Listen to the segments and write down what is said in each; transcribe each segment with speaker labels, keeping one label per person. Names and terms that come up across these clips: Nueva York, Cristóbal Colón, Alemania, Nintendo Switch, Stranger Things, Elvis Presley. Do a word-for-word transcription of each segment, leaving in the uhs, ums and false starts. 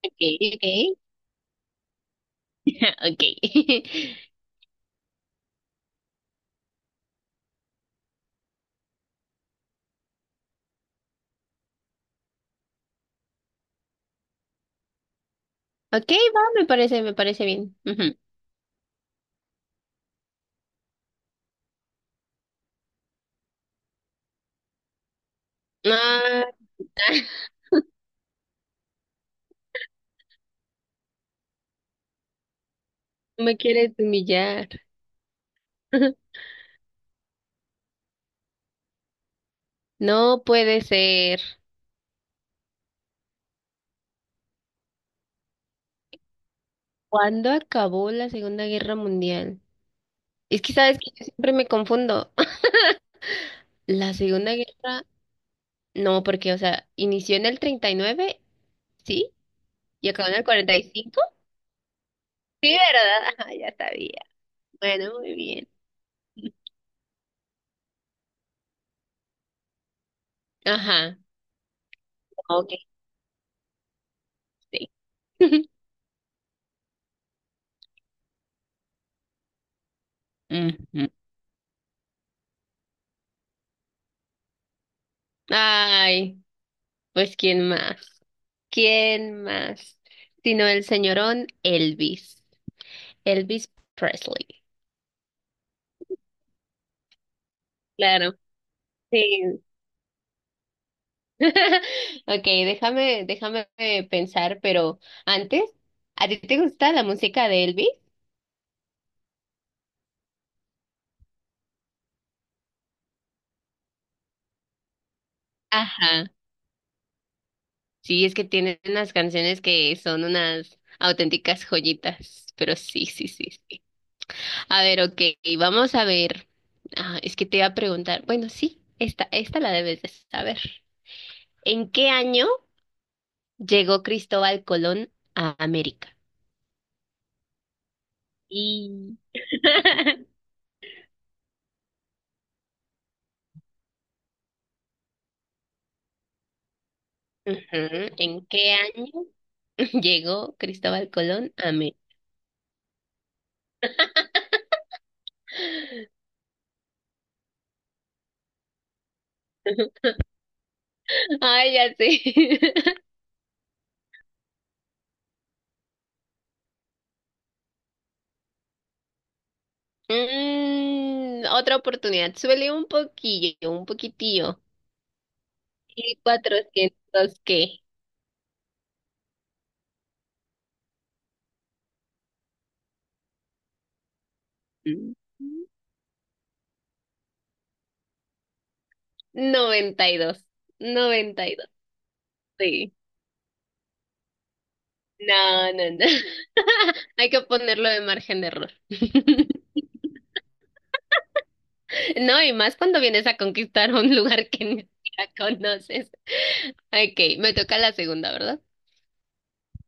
Speaker 1: Ok, ok. Ok. Ok, va, me parece, me parece bien. Ujú. Ah, me quieres humillar. No puede ser. ¿Cuándo acabó la Segunda Guerra Mundial? Es que sabes que yo siempre me confundo. La Segunda Guerra, no, porque, o sea, inició en el treinta y nueve, ¿sí? Y acabó en el cuarenta y cinco. Sí, ¿verdad? Ajá, ya sabía. Bueno, muy bien. Ajá. Ok, sí. Ujú. Ay. Pues ¿quién más? ¿Quién más? Sino el señorón Elvis, Elvis Presley. Claro, sí. Ok, déjame, déjame eh, pensar, pero antes, ¿a ti te gusta la música de Elvis? Ajá, sí, es que tiene unas canciones que son unas auténticas joyitas, pero sí, sí, sí, sí. A ver, ok, vamos a ver. Ah, es que te iba a preguntar, bueno, sí, esta, esta la debes de saber. ¿En qué año llegó Cristóbal Colón a América? Y... Ujú, ¿en qué año llegó Cristóbal Colón a América? Ay, ya sé. Mm, otra oportunidad. Suele un poquillo, un poquitillo. ¿Y cuatrocientos qué? Mm, noventa y dos. Noventa y dos, sí. No, no, no. Hay que ponerlo de margen de error. No, y más cuando vienes a conquistar un lugar que ni siquiera conoces. Ok, me toca la segunda, ¿verdad?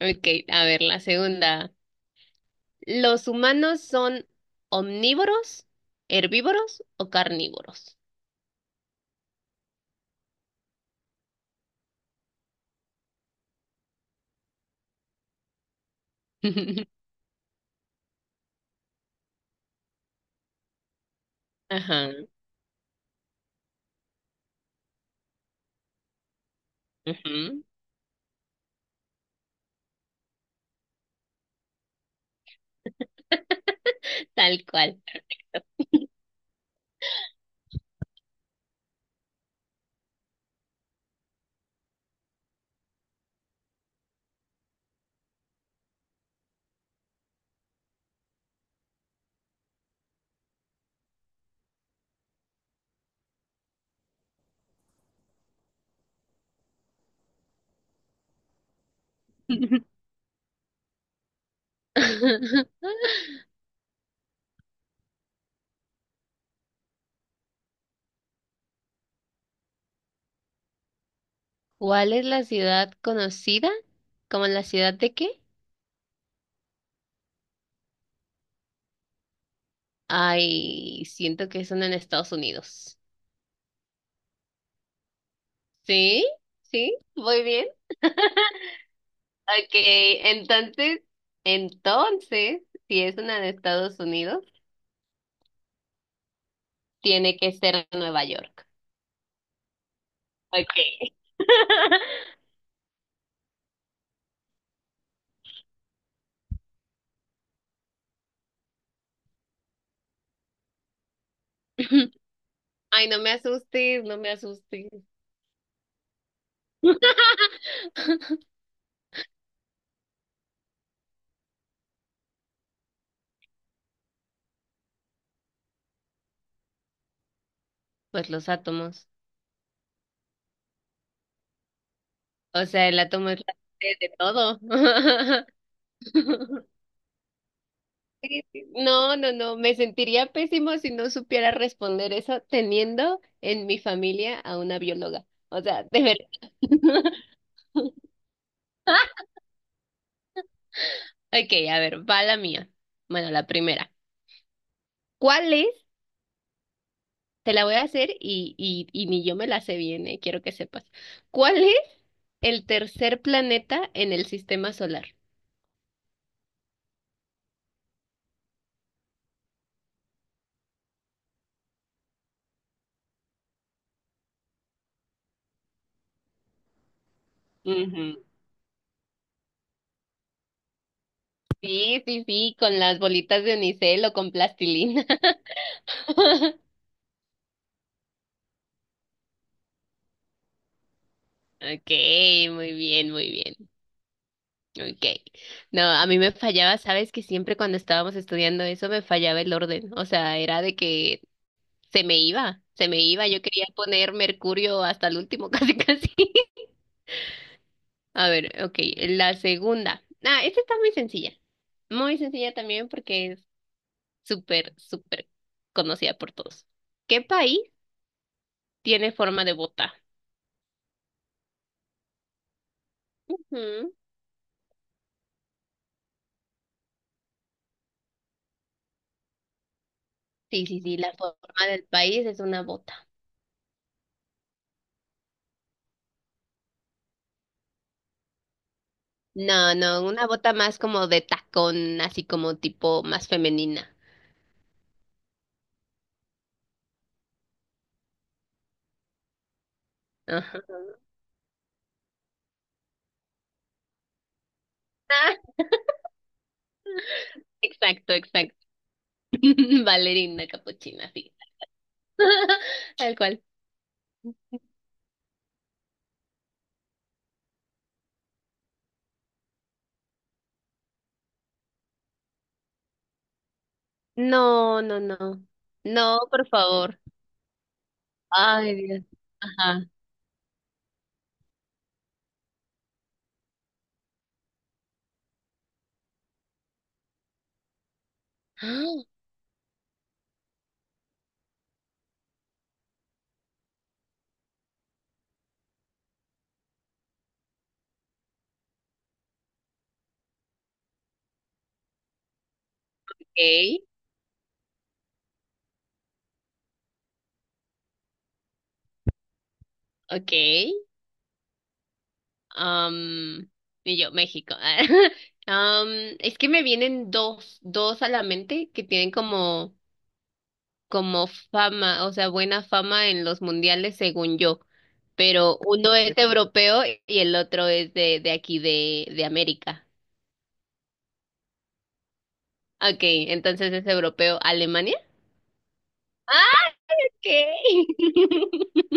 Speaker 1: Ok, a ver, la segunda. ¿Los humanos son omnívoros, herbívoros o carnívoros? Ajá, ujú. Tal cual. ¿Cuál es la ciudad conocida como la ciudad de qué? Ay, siento que son en Estados Unidos. ¿Sí? ¿Sí? Muy bien. Ok, entonces, entonces, si es una de Estados Unidos, tiene que ser Nueva York. Okay. Ay, no me asustes, no me asustes. Pues los átomos. O sea, el átomo es la base de todo. Sí, sí. No, no, no. Me sentiría pésimo si no supiera responder eso teniendo en mi familia a una bióloga. O sea, de verdad. Ok, a ver, va la mía. Bueno, la primera. ¿Cuál es? Te la voy a hacer y, y, y ni yo me la sé bien, eh, quiero que sepas. ¿Cuál es el tercer planeta en el sistema solar? Ujú. Sí, sí, sí, con las bolitas de unicel o con plastilina. Ok, muy bien, muy bien. Ok. No, a mí me fallaba, sabes que siempre cuando estábamos estudiando eso me fallaba el orden. O sea, era de que se me iba, se me iba. Yo quería poner Mercurio hasta el último, casi, casi. A ver, ok, la segunda. Ah, esta está muy sencilla. Muy sencilla también porque súper, súper conocida por todos. ¿Qué país tiene forma de bota? Ujú. Sí, sí, sí, la forma del país es una bota. No, no, una bota más como de tacón, así como tipo más femenina. Ajá. Ah, exacto, exacto. Valerina capuchina, sí. Tal cual. No, no, no. No, por favor. Ay, Dios. Ajá. Ah, ok, ok. Am, y yo, México. Am, es que me vienen dos, dos a la mente que tienen como, como fama, o sea, buena fama en los mundiales, según yo. Pero uno es europeo y el otro es de, de aquí, de, de América. Ok, entonces es europeo, Alemania. Ah, ok.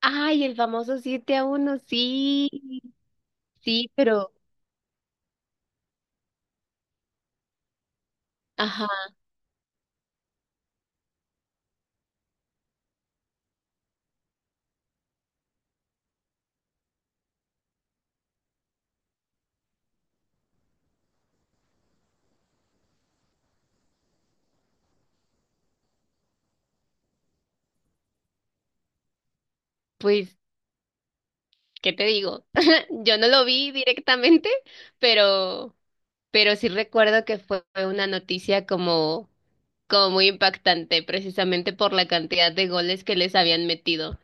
Speaker 1: Ay, el famoso siete a uno, sí. Sí, pero, ajá, pues, ¿qué te digo? Yo no lo vi directamente, pero, pero sí recuerdo que fue una noticia como, como muy impactante, precisamente por la cantidad de goles que les habían metido.